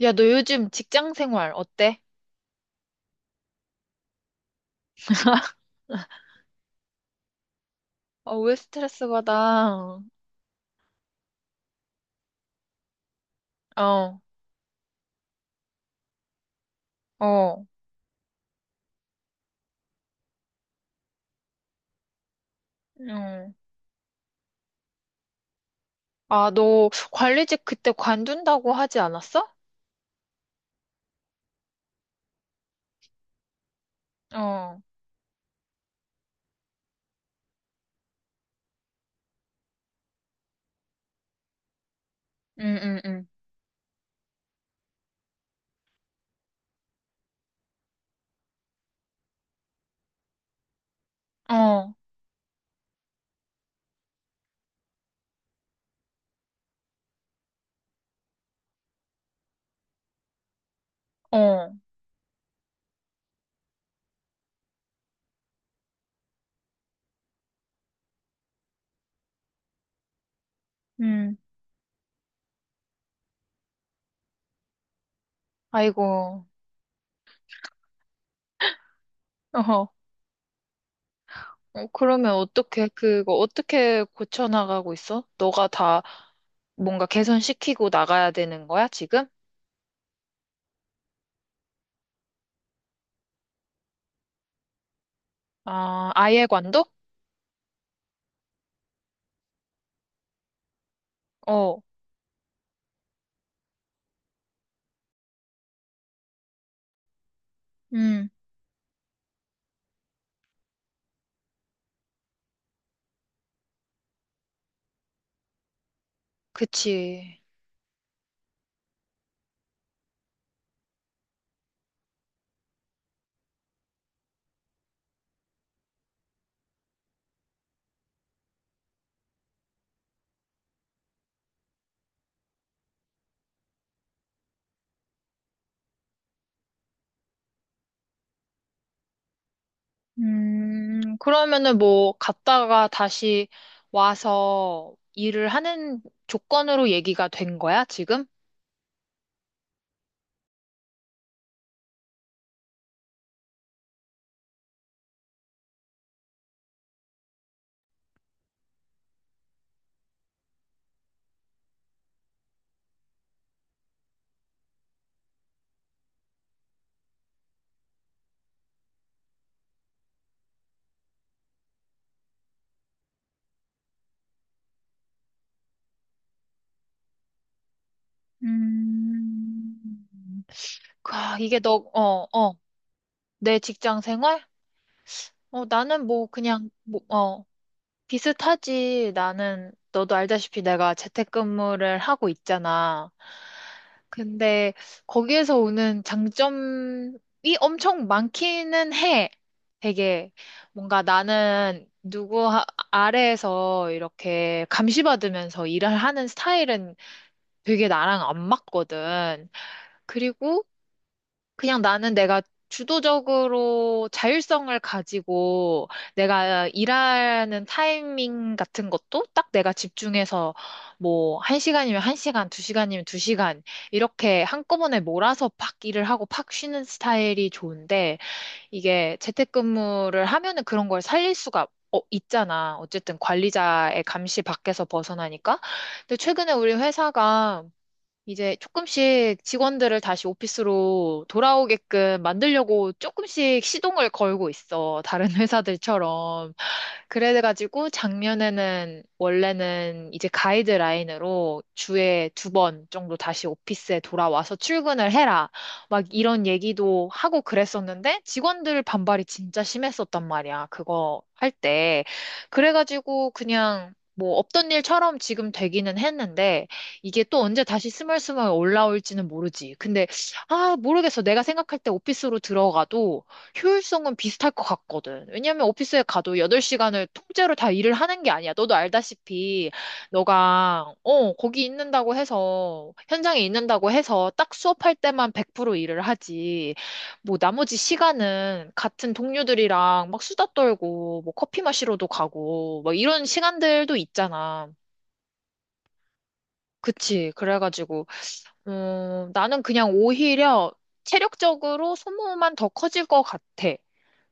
야, 너 요즘 직장 생활 어때? 왜 스트레스 받아? 어, 어, 응. 아, 너 관리직 그때 관둔다고 하지 않았어? 어, 응, 응, 응. 어, 어, 응. 아이고, 어허. 그러면 어떻게, 그거 어떻게 고쳐나가고 있어? 너가 다 뭔가 개선시키고 나가야 되는 거야, 지금? 아, 아예 관둬? 어, 응, 그치. 그러면은 뭐 갔다가 다시 와서 일을 하는 조건으로 얘기가 된 거야, 지금? 음, 아, 이게 너, 내 직장 생활? 어, 나는 뭐 그냥, 뭐, 어. 비슷하지. 나는, 너도 알다시피 내가 재택근무를 하고 있잖아. 근데 거기에서 오는 장점이 엄청 많기는 해. 되게 뭔가 나는 아래에서 이렇게 감시받으면서 일을 하는 스타일은 되게 나랑 안 맞거든. 그리고 그냥 나는 내가 주도적으로 자율성을 가지고 내가 일하는 타이밍 같은 것도 딱 내가 집중해서 뭐 한시간이면한시간두시간이면두시간 이렇게 한꺼번에 몰아서 팍 일을 하고 팍 쉬는 스타일이 좋은데 이게 재택근무를 하면은 그런 걸 살릴 수가 어, 있잖아. 어쨌든 관리자의 감시 밖에서 벗어나니까. 근데 최근에 우리 회사가 이제 조금씩 직원들을 다시 오피스로 돌아오게끔 만들려고 조금씩 시동을 걸고 있어. 다른 회사들처럼. 그래가지고 작년에는 원래는 이제 가이드라인으로 주에 두 번 정도 다시 오피스에 돌아와서 출근을 해라. 막 이런 얘기도 하고 그랬었는데 직원들 반발이 진짜 심했었단 말이야. 그거 할 때. 그래가지고 그냥 뭐 없던 일처럼 지금 되기는 했는데 이게 또 언제 다시 스멀스멀 올라올지는 모르지. 근데, 아, 모르겠어. 내가 생각할 때 오피스로 들어가도 효율성은 비슷할 것 같거든. 왜냐면 오피스에 가도 8시간을 통째로 다 일을 하는 게 아니야. 너도 알다시피, 너가, 거기 있는다고 해서, 현장에 있는다고 해서 딱 수업할 때만 100% 일을 하지. 뭐, 나머지 시간은 같은 동료들이랑 막 수다 떨고, 뭐, 커피 마시러도 가고, 막 이런 시간들도 있잖아. 그치. 그래가지고, 나는 그냥 오히려 체력적으로 소모만 더 커질 것 같아.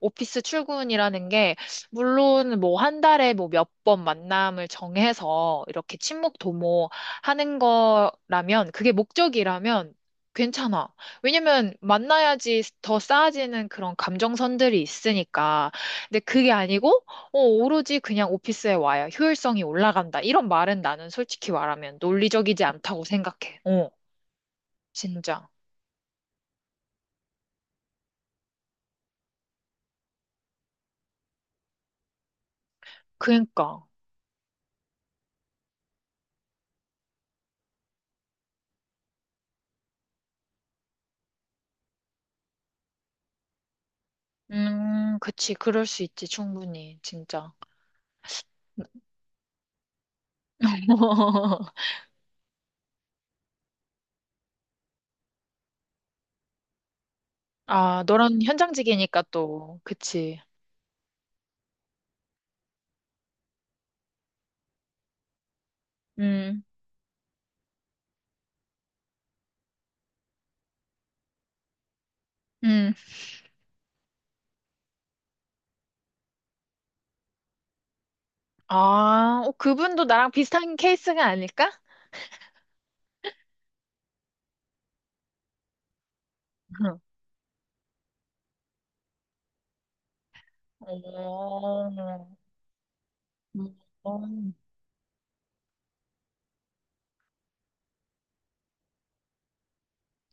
오피스 출근이라는 게, 물론 뭐 한 달에 뭐 몇 번 만남을 정해서 이렇게 친목 도모 하는 거라면, 그게 목적이라면 괜찮아. 왜냐면 만나야지 더 쌓아지는 그런 감정선들이 있으니까. 근데 그게 아니고, 오로지 그냥 오피스에 와야 효율성이 올라간다. 이런 말은 나는 솔직히 말하면 논리적이지 않다고 생각해. 어. 진짜. 그니까. 그치. 그럴 수 있지. 충분히. 진짜. 아, 너랑 현장직이니까 또. 그치. 음, 음. 아, 그분도 나랑 비슷한 케이스가 아닐까? 응. 어, 음.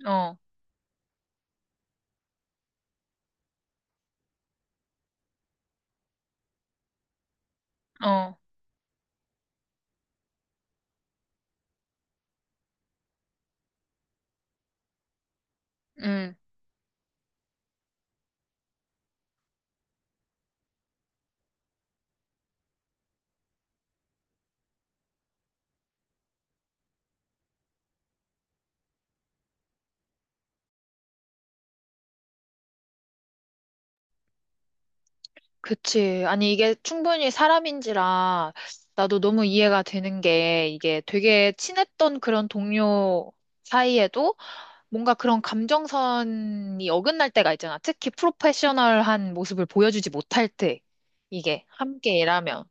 어, 어, 음. 그치. 아니, 이게 충분히 사람인지라 나도 너무 이해가 되는 게 이게 되게 친했던 그런 동료 사이에도 뭔가 그런 감정선이 어긋날 때가 있잖아. 특히 프로페셔널한 모습을 보여주지 못할 때, 이게 함께 일하면.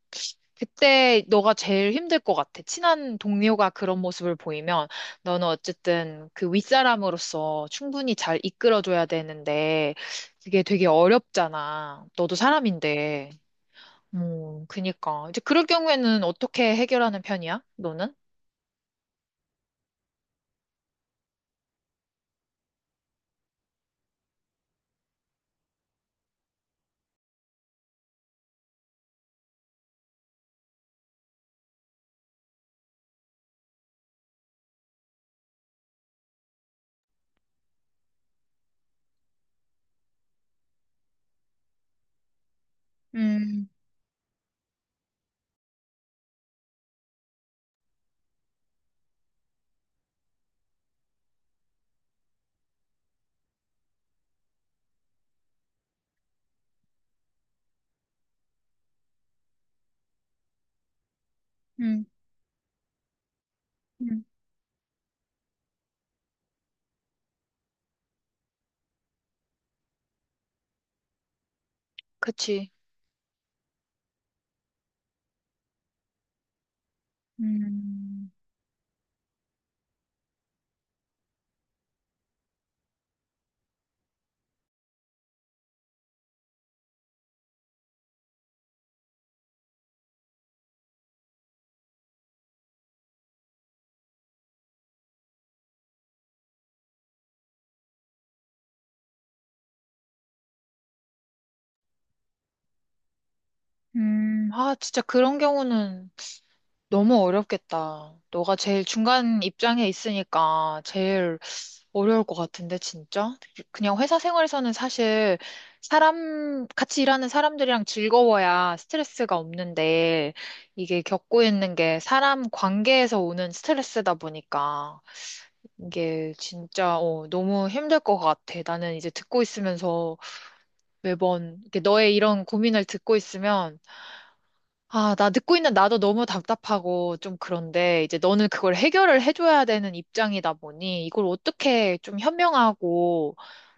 그때 너가 제일 힘들 것 같아. 친한 동료가 그런 모습을 보이면 너는 어쨌든 그 윗사람으로서 충분히 잘 이끌어줘야 되는데 그게 되게 어렵잖아. 너도 사람인데. 그니까. 이제 그럴 경우에는 어떻게 해결하는 편이야? 너는? 음, 음, 음, 그치. 음. 아, 진짜 그런 경우는 너무 어렵겠다. 너가 제일 중간 입장에 있으니까 제일 어려울 것 같은데, 진짜? 그냥 회사 생활에서는 사실 사람, 같이 일하는 사람들이랑 즐거워야 스트레스가 없는데, 이게 겪고 있는 게 사람 관계에서 오는 스트레스다 보니까, 이게 진짜, 너무 힘들 것 같아. 나는 이제 듣고 있으면서 매번, 이렇게 너의 이런 고민을 듣고 있으면, 아, 나 듣고 있는 나도 너무 답답하고 좀 그런데 이제 너는 그걸 해결을 해줘야 되는 입장이다 보니 이걸 어떻게 좀 현명하고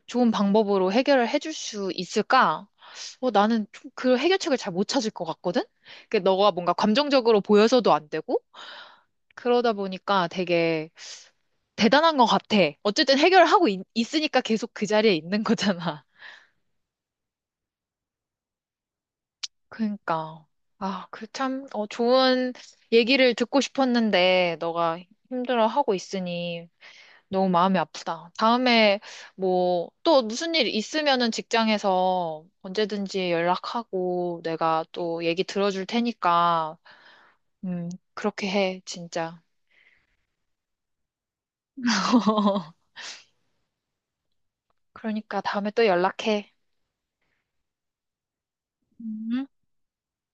좋은 방법으로 해결을 해줄 수 있을까? 나는 좀 그 해결책을 잘 못 찾을 것 같거든? 그 너가 뭔가 감정적으로 보여서도 안 되고 그러다 보니까 되게 대단한 것 같아. 어쨌든 해결을 하고 있으니까 계속 그 자리에 있는 거잖아. 그니까. 아, 그 참, 좋은 얘기를 듣고 싶었는데, 너가 힘들어하고 있으니 너무 마음이 아프다. 다음에 뭐, 또 무슨 일 있으면은 직장에서 언제든지 연락하고 내가 또 얘기 들어줄 테니까, 음, 그렇게 해, 진짜. 그러니까 다음에 또 연락해. 음.